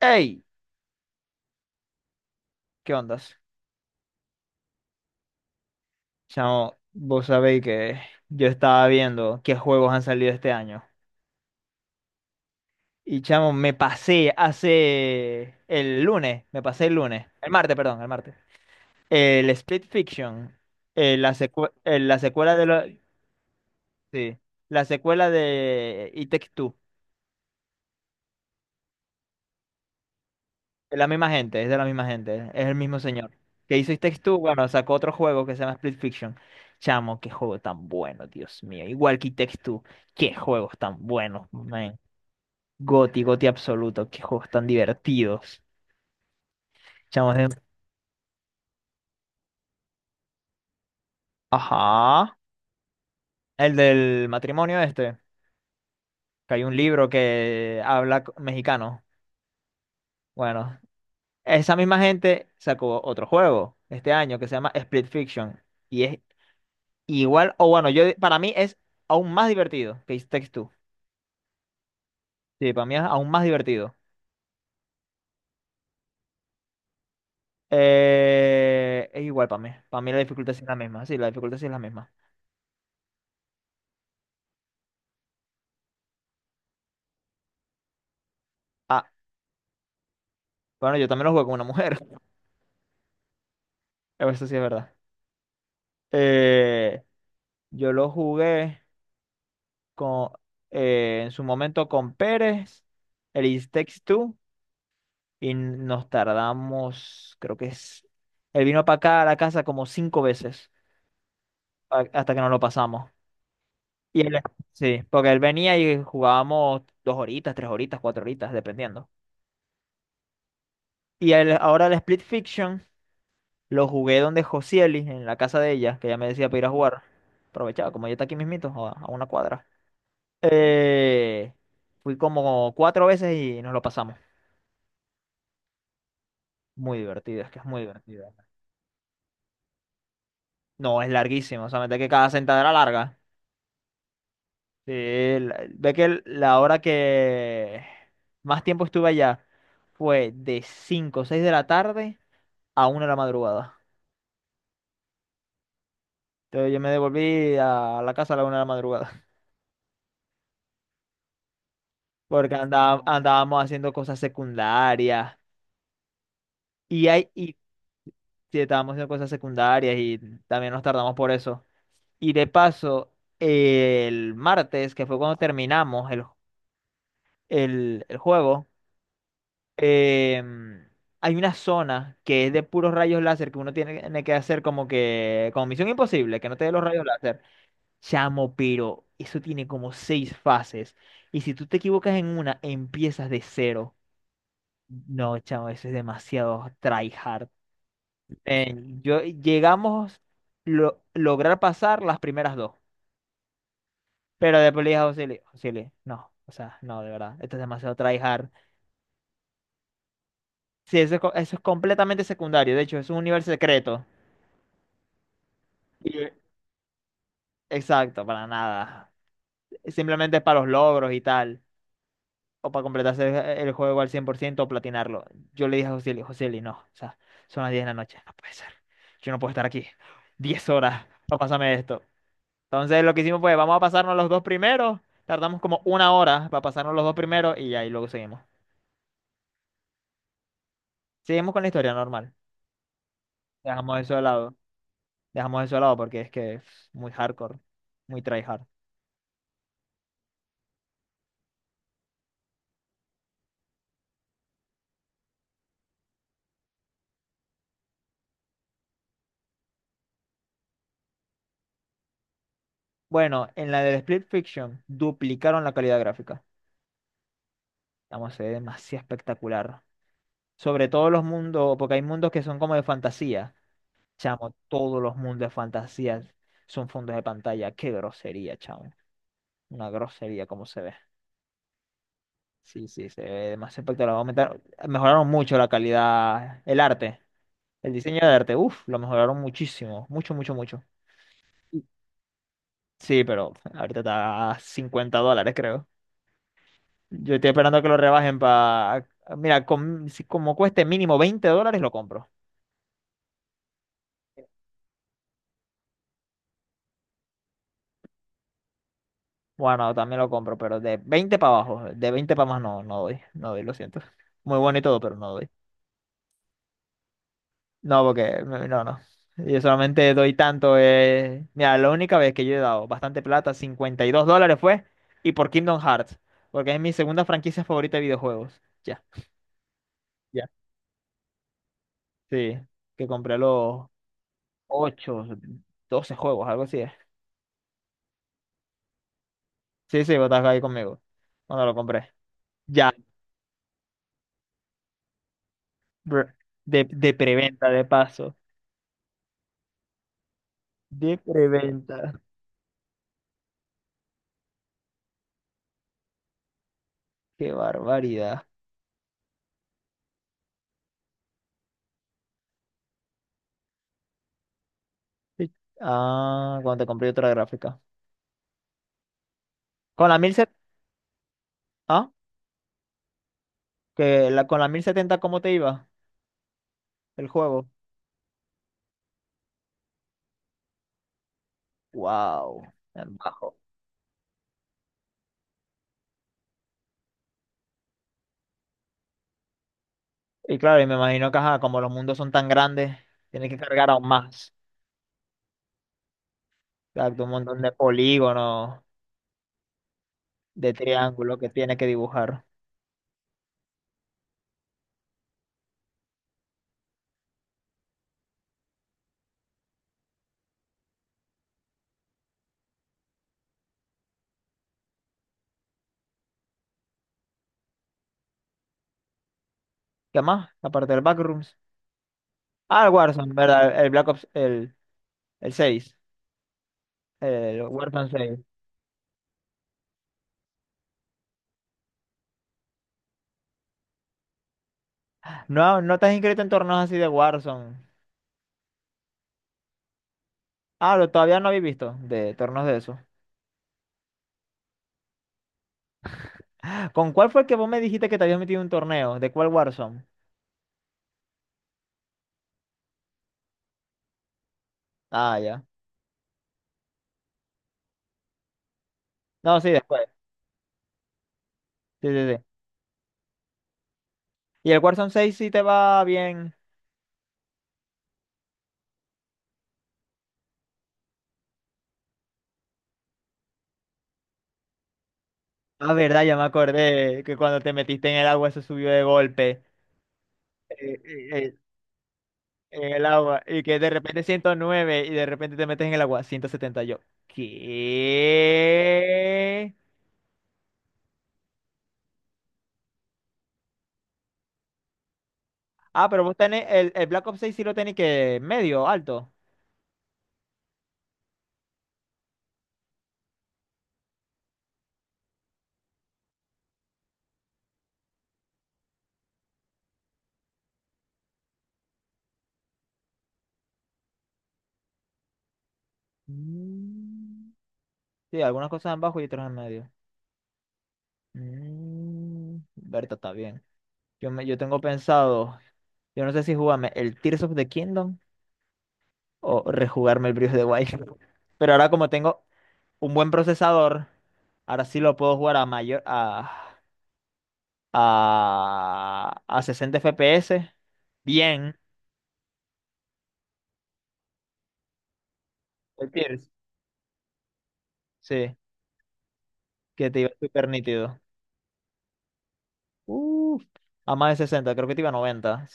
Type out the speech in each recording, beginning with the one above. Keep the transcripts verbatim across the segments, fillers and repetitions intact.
Hey, ¿qué ondas? Chamo, vos sabéis que yo estaba viendo qué juegos han salido este año. Y chamo, me pasé hace el lunes, me pasé el lunes, el martes, perdón, el martes. El Split Fiction, eh, la secue- eh, la secuela de lo- sí, la secuela de It Takes Two. Es la misma gente, es de la misma gente, es el mismo señor. Que hizo It Takes Two, bueno, sacó otro juego que se llama Split Fiction. Chamo, qué juego tan bueno, Dios mío. Igual que It Takes Two, qué juegos tan buenos, man. Goti, Goti absoluto, qué juegos tan divertidos. Chamo, es de... Ajá. El del matrimonio este, que hay un libro que habla co- mexicano. Bueno, esa misma gente sacó otro juego este año que se llama Split Fiction. Y es Igual, o bueno, yo para mí es aún más divertido que It Takes Two. Sí, para mí es aún más divertido. Eh, es igual para mí. Para mí la dificultad sí es la misma. Sí, la dificultad sí es la misma. Ah, bueno, yo también lo jugué con una mujer. Eso sí es verdad. Eh, yo lo jugué con, eh, en su momento con Pérez, el It Takes Two, y nos tardamos, creo que es... Él vino para acá a la casa como cinco veces a- hasta que nos lo pasamos. Y él, sí, porque él venía y jugábamos dos horitas, tres horitas, cuatro horitas, dependiendo. Y el, ahora el Split Fiction lo jugué donde Josieli, en la casa de ella, que ella me decía para ir a jugar. Aprovechaba, como ella está aquí mismito, a, a una cuadra. Eh, fui como cuatro veces y nos lo pasamos. Muy divertido, es que es muy divertido. No, es larguísimo, o sea, mete que cada sentada era larga. Sí, la- ve que el- la hora que más tiempo estuve allá fue de cinco o seis de la tarde a una de la madrugada. Entonces yo me devolví a la casa a la una de la madrugada, porque andaba- andábamos haciendo cosas secundarias y, hay, y sí, estábamos haciendo cosas secundarias y también nos tardamos por eso. Y de paso, el martes, que fue cuando terminamos el, el, el juego, em, hay una zona que es de puros rayos láser que uno tiene tiene que hacer como que, como misión imposible, que no te dé los rayos láser. Chamo, pero eso tiene como seis fases. Y si tú te equivocas en una, empiezas de cero. No, chamo, eso es demasiado tryhard. Ven, yo llegamos lo, lograr pasar las primeras dos. Pero después le dije a José, Luis, "José Luis, no, o sea, no, de verdad, esto es demasiado tryhard. Sí, eso, es co- eso es completamente secundario. De hecho, es un universo secreto. Y- Exacto, para nada. Simplemente es para los logros y tal. O para completarse el el juego al cien por ciento o platinarlo. Yo le dije a Joseli, Joseli, no, o sea, son las diez de la noche, no puede ser. Yo no puedo estar aquí diez horas para pasarme esto. Entonces lo que hicimos fue, vamos a pasarnos los dos primeros, tardamos como una hora para pasarnos los dos primeros y ahí luego seguimos. Seguimos con la historia normal. Dejamos eso de lado, dejamos eso de lado porque es que es muy hardcore, muy tryhard. Bueno, en la del Split Fiction duplicaron la calidad gráfica. Vamos, se ve demasiado espectacular. Sobre todos los mundos, porque hay mundos que son como de fantasía. Chamo, todos los mundos de fantasía son fondos de pantalla. Qué grosería, chamo. Una grosería como se ve. Sí, sí, se ve demasiado espectacular. Aumentaron- mejoraron mucho la calidad, el arte, el diseño de arte. Uf, lo mejoraron muchísimo. Mucho, mucho, mucho. Y- Sí, pero ahorita está a cincuenta dólares, creo. Yo estoy esperando que lo rebajen... para... Mira, con- si como cueste mínimo veinte dólares, lo compro. Bueno, también lo compro, pero de veinte para abajo, de veinte para más no, no doy, no doy, lo siento. Muy bueno y todo, pero no doy. No, porque no, no, no. Yo solamente doy tanto. Eh... Mira, la única vez que yo he dado bastante plata, cincuenta y dos dólares fue, y por Kingdom Hearts, porque es mi segunda franquicia favorita de videojuegos. Ya. Ya. Sí, que compré los ocho doce juegos, algo así. Es. Sí, sí, vos estás ahí conmigo. Cuando lo compré. Ya, br- de, de preventa, de paso. De preventa. Qué barbaridad. Sí. Ah, cuando te compré otra gráfica. Con la mil setenta, ah, que la, con la mil setenta, ¿cómo te iba el juego? Wow, tan bajo. Y claro, y me imagino que ajá, como los mundos son tan grandes, tienes que cargar aún más. Exacto, un montón de polígonos, de triángulos que tienes que dibujar. ¿Qué más? Aparte del Backrooms. Ah, el Warzone, ¿verdad? El Black Ops, el, el seis, el Warzone seis. No, no te has inscrito en torneos así de Warzone. Ah, lo, todavía no habéis visto de torneos de eso. ¿Con cuál fue que vos me dijiste que te habías metido en un torneo? ¿De cuál Warzone? Ah, ya. No, sí, después. Sí, sí, sí. Y el Warzone seis sí te va bien. Ah, verdad, ya me acordé que cuando te metiste en el agua se subió de golpe. Eh, eh, eh, en el agua. Y que de repente ciento nueve y de repente te metes en el agua ciento setenta yo. ¿Qué? Ah, pero vos tenés el, el Black Ops seis sí lo tenés que medio, alto. Mm. Sí, algunas cosas en bajo y otras en medio. Mm. Berta está bien. Yo, me, yo tengo pensado, yo no sé si jugarme el Tears of the Kingdom o rejugarme el Breath of the Wild. Pero ahora como tengo un buen procesador, ahora sí lo puedo jugar a mayor a, a, a sesenta F P S. Bien. El Tears. Sí, que te iba súper nítido. Uf, a más de sesenta creo que te iba a noventa.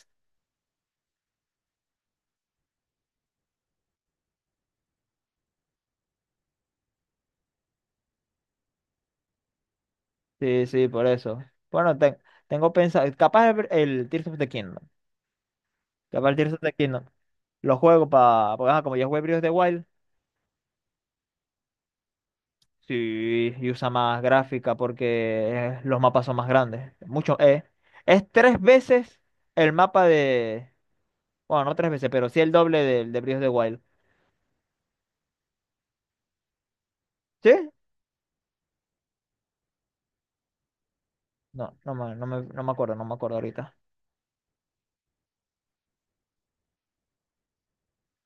Sí, sí, por eso. Bueno, te- tengo pensado, capaz el, el Tears of the Kingdom. Capaz el Tears of the Kingdom. Lo juego para, porque ajá, como ya jugué Breath of the Wild. Sí, y usa más gráfica porque eh, los mapas son más grandes. Mucho, eh, es tres veces el mapa de. Bueno, no tres veces, pero sí el doble del de Breath of the Wild. ¿Sí? No, no me, no me, no me acuerdo, no me acuerdo ahorita.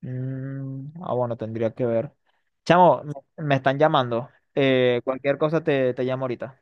Mm, ah, bueno, tendría que ver. Chamo, me, me están llamando. Eh, cualquier cosa te, te llamo ahorita.